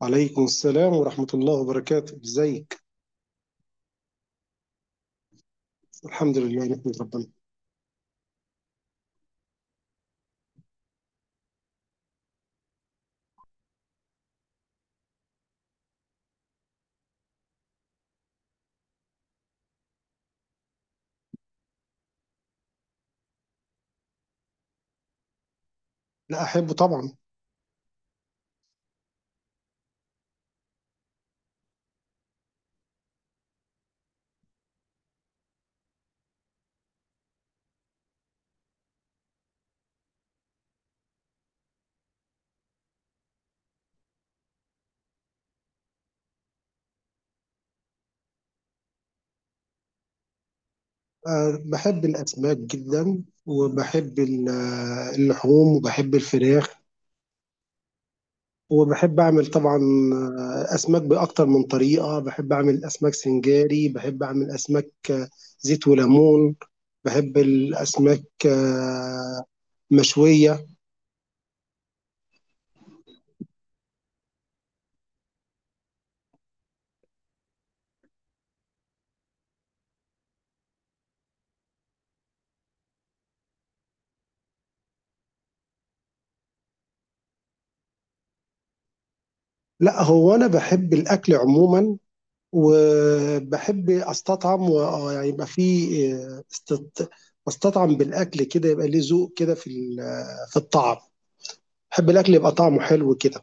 وعليكم السلام ورحمة الله وبركاته، ازيك؟ الحمد لله نحمد ربنا. لا أحبه طبعا. أه، بحب الأسماك جدا، وبحب اللحوم، وبحب الفراخ، وبحب أعمل طبعا أسماك بأكتر من طريقة. بحب أعمل أسماك سنجاري، بحب أعمل أسماك زيت وليمون. بحب الأسماك مشوية. لا، هو أنا بحب الأكل عموما، وبحب استطعم، و يعني يبقى في آه، استط... بستطعم بالاكل كده، يبقى ليه ذوق كده في في الطعم. بحب الاكل يبقى طعمه حلو كده.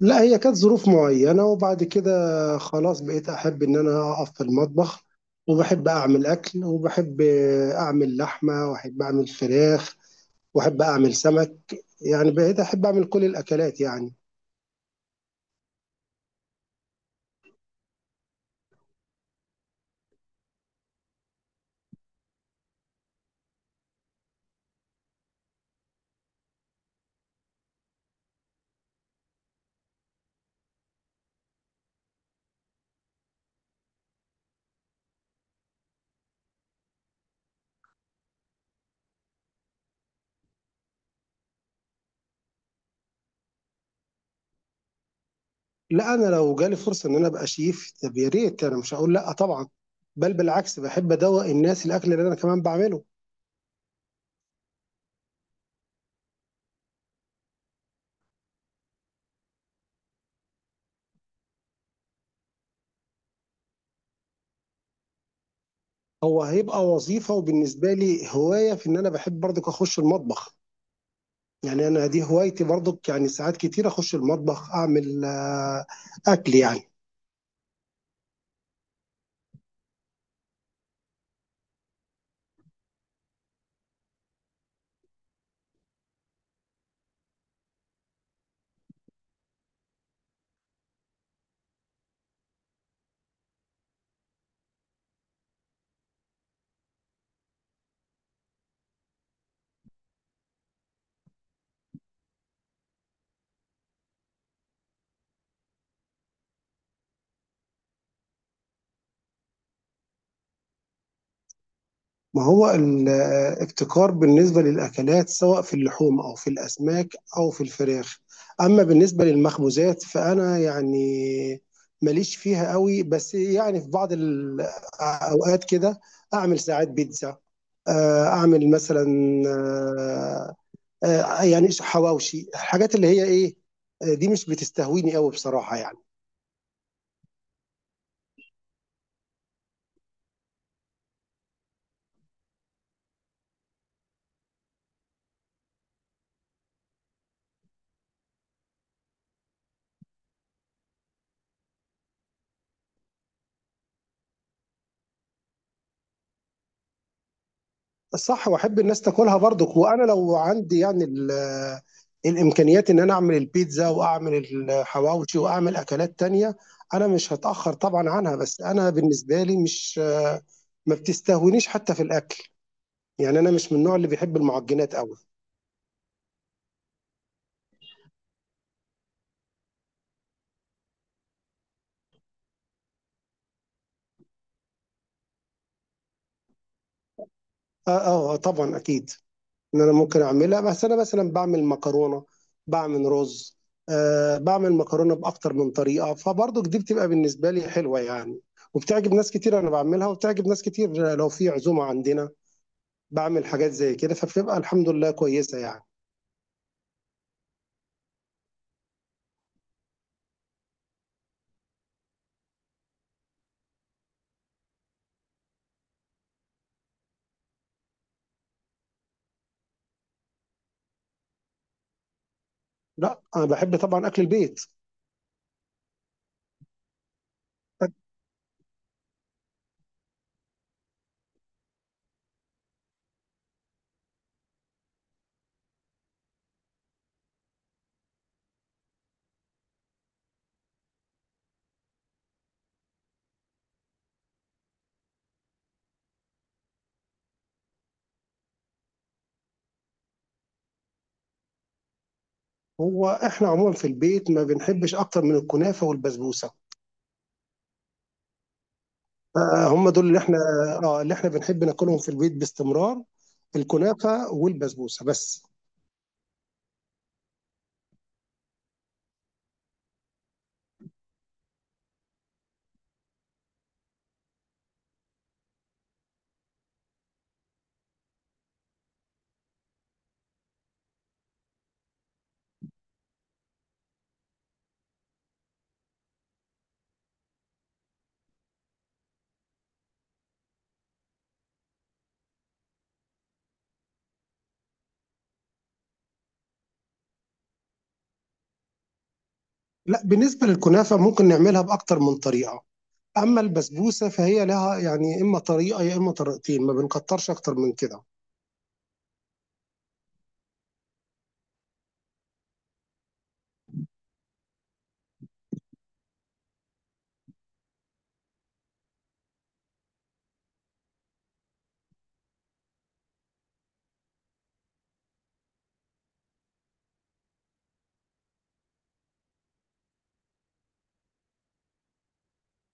لا، هي كانت ظروف معينه، وبعد كده خلاص بقيت احب ان انا اقف في المطبخ، وبحب اعمل اكل، وبحب اعمل لحمه، واحب اعمل فراخ، واحب اعمل سمك. يعني بقيت احب اعمل كل الاكلات يعني. لا، انا لو جالي فرصه ان انا ابقى شيف، طب يا ريت، انا مش هقول لا طبعا، بل بالعكس بحب ادوق الناس الاكل اللي انا كمان بعمله. هيبقى وظيفه، وبالنسبه لي هوايه، في ان انا بحب برضك اخش المطبخ. يعني انا دي هوايتي برضك، يعني ساعات كتير اخش المطبخ اعمل اكل يعني. ما هو الابتكار بالنسبة للأكلات، سواء في اللحوم أو في الأسماك أو في الفراخ. أما بالنسبة للمخبوزات فأنا يعني ماليش فيها قوي، بس يعني في بعض الأوقات كده أعمل ساعات بيتزا، أعمل مثلا آه، يعني حواوشي، الحاجات اللي هي إيه، دي مش بتستهويني قوي بصراحة يعني. صح، واحب الناس تاكلها برضك. وانا لو عندي يعني الامكانيات ان انا اعمل البيتزا واعمل الحواوشي واعمل اكلات تانية، انا مش هتاخر طبعا عنها. بس انا بالنسبه لي مش ما بتستهونيش حتى في الاكل، يعني انا مش من النوع اللي بيحب المعجنات قوي. طبعا اكيد ان انا ممكن اعملها، بس انا مثلا بعمل مكرونه، بعمل رز، آه بعمل مكرونه باكتر من طريقه، فبرضك دي بتبقى بالنسبه لي حلوه يعني، وبتعجب ناس كتير. انا بعملها وبتعجب ناس كتير. لو في عزومه عندنا بعمل حاجات زي كده، فبتبقى الحمد لله كويسه يعني. لا، انا بحب طبعا اكل البيت. هو احنا عموما في البيت ما بنحبش اكتر من الكنافه والبسبوسه. آه، هم دول اللي احنا، اه، اللي احنا بنحب ناكلهم في البيت باستمرار، الكنافه والبسبوسه بس. لا، بالنسبة للكنافة ممكن نعملها بأكتر من طريقة، أما البسبوسة فهي لها يعني إما طريقة يا إما طريقتين، ما بنكترش أكتر من كده.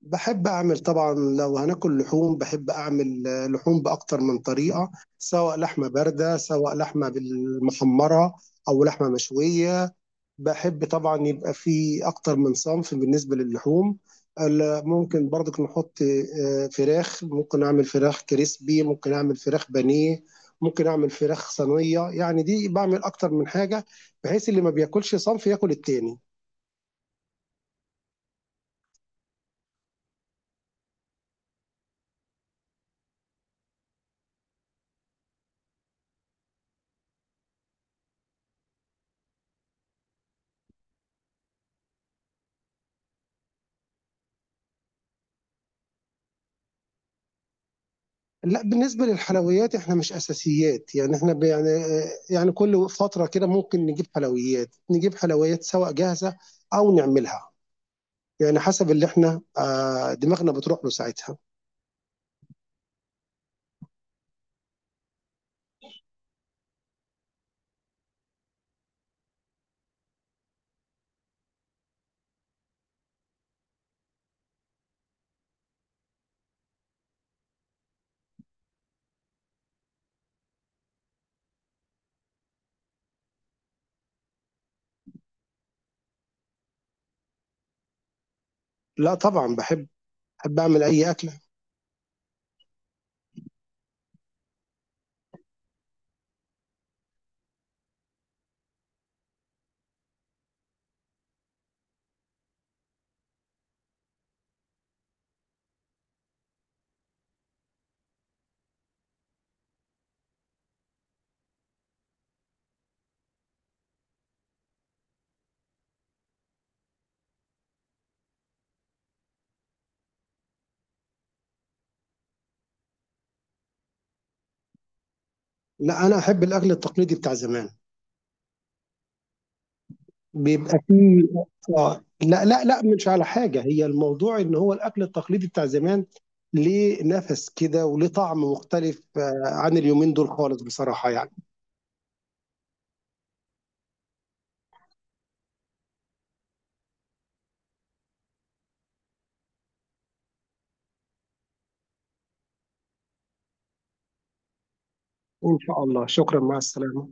بحب أعمل طبعا لو هناكل لحوم، بحب أعمل لحوم بأكتر من طريقة، سواء لحمة باردة، سواء لحمة بالمحمرة، أو لحمة مشوية. بحب طبعا يبقى في اكتر من صنف بالنسبه للحوم. ممكن برضك نحط فراخ، ممكن اعمل فراخ كريسبي، ممكن اعمل فراخ بانيه، ممكن اعمل فراخ صينيه. يعني دي بعمل اكتر من حاجه، بحيث اللي ما بياكلش صنف ياكل التاني. لا، بالنسبه للحلويات احنا مش اساسيات، يعني احنا يعني يعني كل فتره كده ممكن نجيب حلويات، نجيب حلويات سواء جاهزه او نعملها. يعني حسب اللي احنا دماغنا بتروح له ساعتها. لا طبعا بحب، احب اعمل اي اكله. لا، انا احب الاكل التقليدي بتاع زمان، بيبقى فيه، اه لا مش على حاجه. هي الموضوع ان هو الاكل التقليدي بتاع زمان ليه نفس كده وليه طعم مختلف عن اليومين دول خالص بصراحه يعني. ان شاء الله، شكرا، مع السلامه.